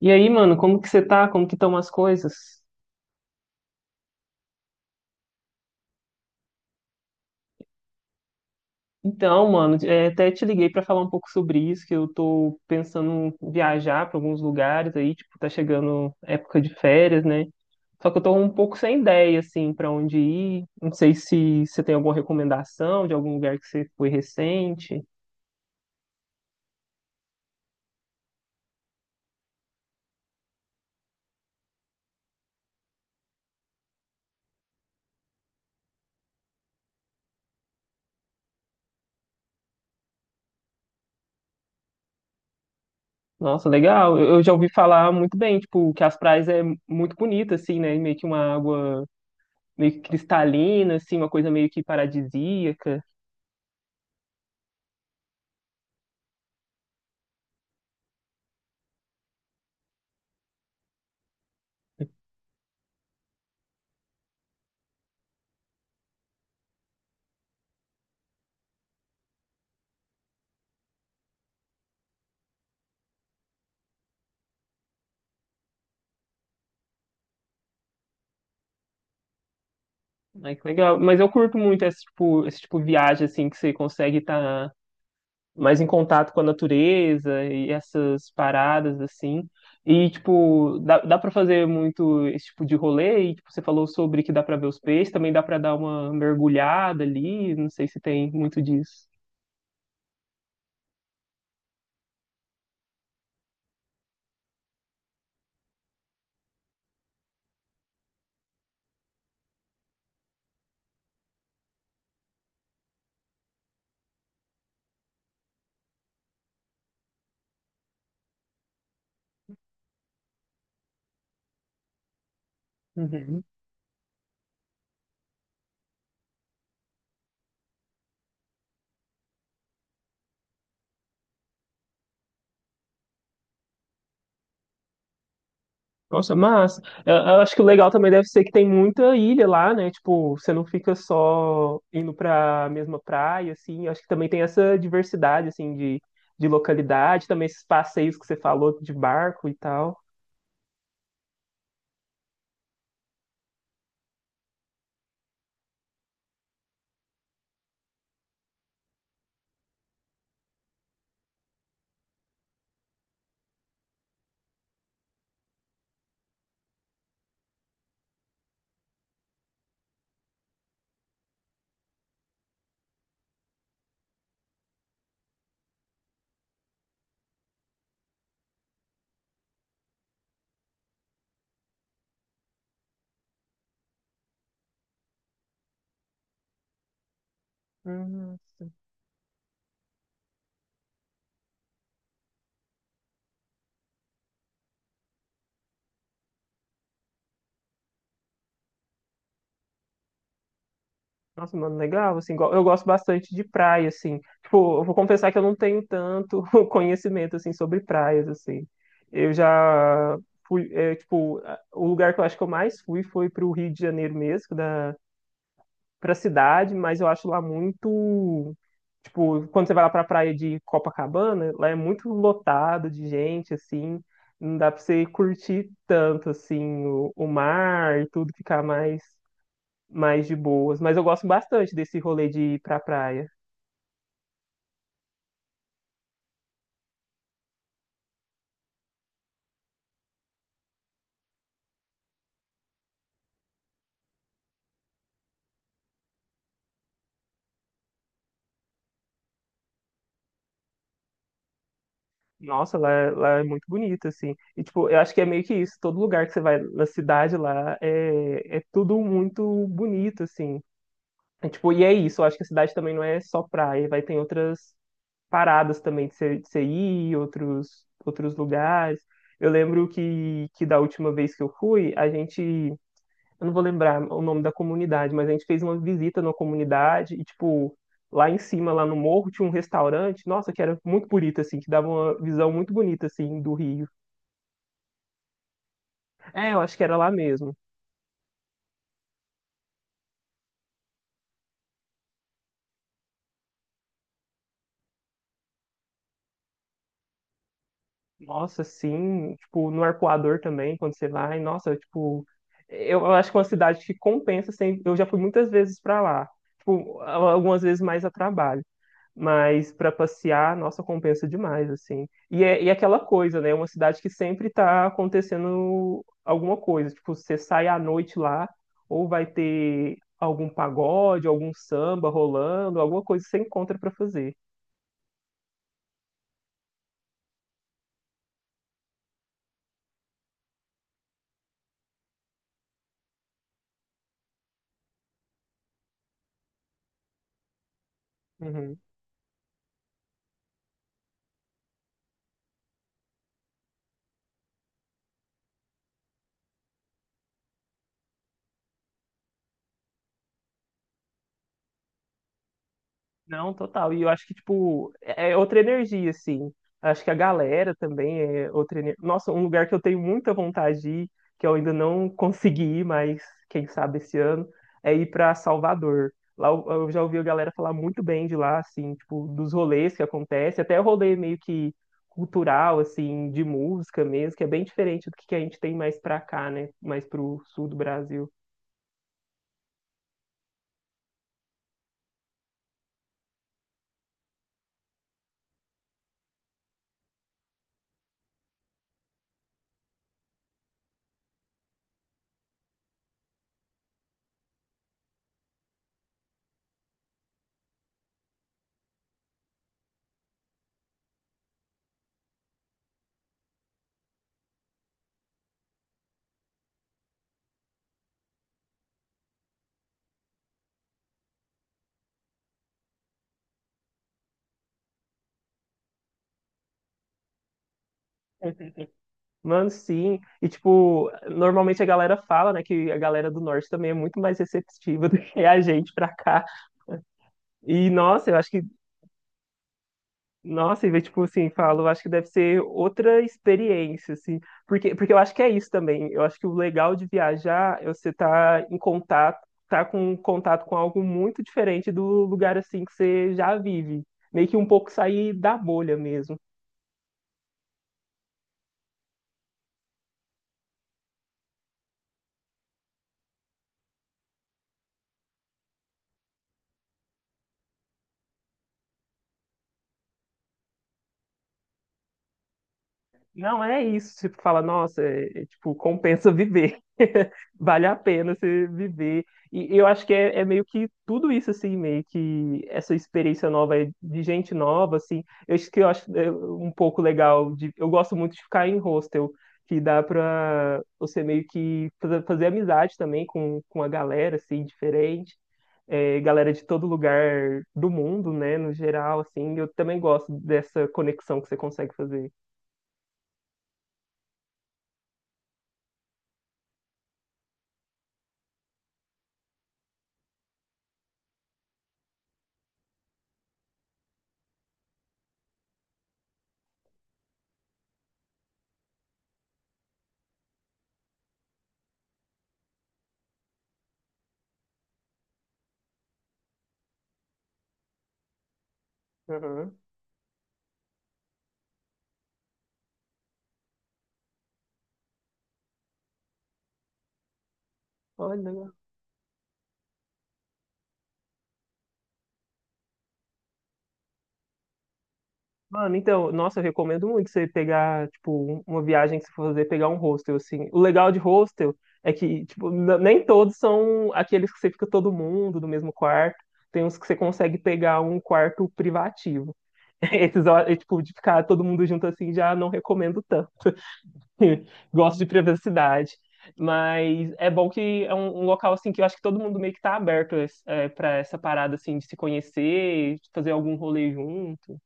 E aí, mano, como que você tá? Como que estão as coisas? Então, mano, até te liguei pra falar um pouco sobre isso, que eu tô pensando em viajar pra alguns lugares aí, tipo, tá chegando época de férias, né? Só que eu tô um pouco sem ideia, assim, pra onde ir. Não sei se você tem alguma recomendação de algum lugar que você foi recente. Nossa, legal. Eu já ouvi falar muito bem, tipo, que as praias é muito bonita, assim, né? Meio que uma água meio que cristalina, assim, uma coisa meio que paradisíaca. Ai, que legal. Mas eu curto muito esse tipo de viagem, assim, que você consegue estar mais em contato com a natureza e essas paradas, assim. E, tipo, dá para fazer muito esse tipo de rolê. E, tipo, você falou sobre que dá para ver os peixes, também dá para dar uma mergulhada ali. Não sei se tem muito disso. Uhum. Nossa, massa. Eu acho que o legal também deve ser que tem muita ilha lá, né? Tipo, você não fica só indo para a mesma praia, assim. Eu acho que também tem essa diversidade, assim, de localidade, também esses passeios que você falou de barco e tal. Hum. Nossa, mano, legal, assim, eu gosto bastante de praia, assim, tipo, eu vou confessar que eu não tenho tanto conhecimento, assim, sobre praias, assim, eu já fui, tipo, o lugar que eu acho que eu mais fui foi pro Rio de Janeiro mesmo, pra cidade, mas eu acho lá muito, tipo, quando você vai lá pra praia de Copacabana, lá é muito lotado de gente, assim, não dá pra você curtir tanto, assim, o mar e tudo, ficar mais de boas. Mas eu gosto bastante desse rolê de ir pra praia. Nossa, lá é muito bonito, assim. E, tipo, eu acho que é meio que isso. Todo lugar que você vai na cidade lá é tudo muito bonito, assim. É, tipo, e é isso. Eu acho que a cidade também não é só praia. Vai ter outras paradas também de você ir, outros lugares. Eu lembro que da última vez que eu fui, a gente eu não vou lembrar o nome da comunidade, mas a gente fez uma visita na comunidade e, tipo, lá em cima, lá no morro, tinha um restaurante, nossa, que era muito bonito, assim, que dava uma visão muito bonita, assim, do Rio. É, eu acho que era lá mesmo. Nossa, sim, tipo, no Arpoador também, quando você vai, nossa, tipo, eu acho que é uma cidade que compensa, assim, eu já fui muitas vezes pra lá, tipo, algumas vezes mais a trabalho. Mas para passear, nossa, compensa demais, assim. E é aquela coisa, né? É uma cidade que sempre tá acontecendo alguma coisa. Tipo, você sai à noite lá, ou vai ter algum pagode, algum samba rolando, alguma coisa que você encontra para fazer. Uhum. Não, total. E eu acho que, tipo, é outra energia, assim. Acho que a galera também é outra energia. Nossa, um lugar que eu tenho muita vontade de ir, que eu ainda não consegui ir, mas quem sabe esse ano, ir pra Salvador. Lá eu já ouvi a galera falar muito bem de lá, assim, tipo, dos rolês que acontece, até rolê meio que cultural, assim, de música mesmo, que é bem diferente do que a gente tem mais pra cá, né? Mais pro sul do Brasil. Mano, sim. E, tipo, normalmente a galera fala, né, que a galera do norte também é muito mais receptiva do que a gente pra cá. E, nossa, eu acho que, nossa, e, tipo, assim, falo, eu acho que deve ser outra experiência, assim. Porque eu acho que é isso também. Eu acho que o legal de viajar é você estar em contato, tá com contato com algo muito diferente do lugar, assim, que você já vive. Meio que um pouco sair da bolha mesmo. Não é isso, tipo, fala, nossa, é, tipo, compensa viver. Vale a pena você viver. E eu acho que é meio que tudo isso, assim, meio que essa experiência nova é de gente nova, assim. Eu acho que eu acho é, um pouco legal de. Eu gosto muito de ficar em hostel, que dá pra você meio que fazer amizade também com a galera, assim, diferente. É, galera de todo lugar do mundo, né, no geral, assim. Eu também gosto dessa conexão que você consegue fazer. Olha, legal. Mano, então, nossa, eu recomendo muito você pegar, tipo, uma viagem que você for fazer, pegar um hostel, assim. O legal de hostel é que, tipo, nem todos são aqueles que você fica todo mundo no mesmo quarto. Tem uns que você consegue pegar um quarto privativo. Esses, ó, é, tipo, de ficar todo mundo junto assim, já não recomendo tanto. Gosto de privacidade. Mas é bom que é um, um local, assim, que eu acho que todo mundo meio que tá aberto, é, pra essa parada, assim, de se conhecer, de fazer algum rolê junto.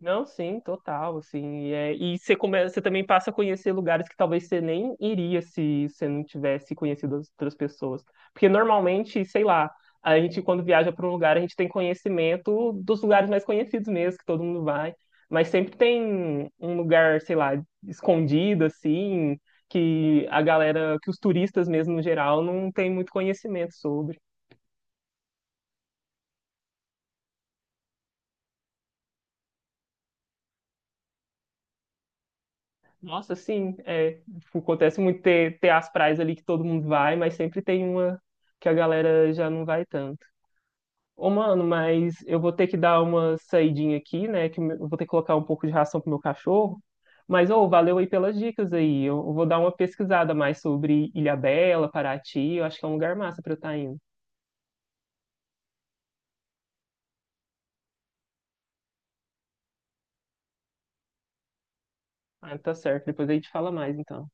Não, sim, total, assim, e você começa, você também passa a conhecer lugares que talvez você nem iria se você não tivesse conhecido as outras pessoas, porque normalmente, sei lá, a gente quando viaja para um lugar, a gente tem conhecimento dos lugares mais conhecidos mesmo, que todo mundo vai, mas sempre tem um lugar, sei lá, escondido, assim, que a galera, que os turistas mesmo, no geral, não tem muito conhecimento sobre. Nossa, sim, é, tipo, acontece muito ter as praias ali que todo mundo vai, mas sempre tem uma que a galera já não vai tanto. Ô, mano, mas eu vou ter que dar uma saidinha aqui, né, que eu vou ter que colocar um pouco de ração pro meu cachorro, mas, ô, valeu aí pelas dicas aí, eu vou dar uma pesquisada mais sobre Ilhabela, Paraty, eu acho que é um lugar massa pra eu estar indo. Ah, tá certo, depois a gente fala mais, então.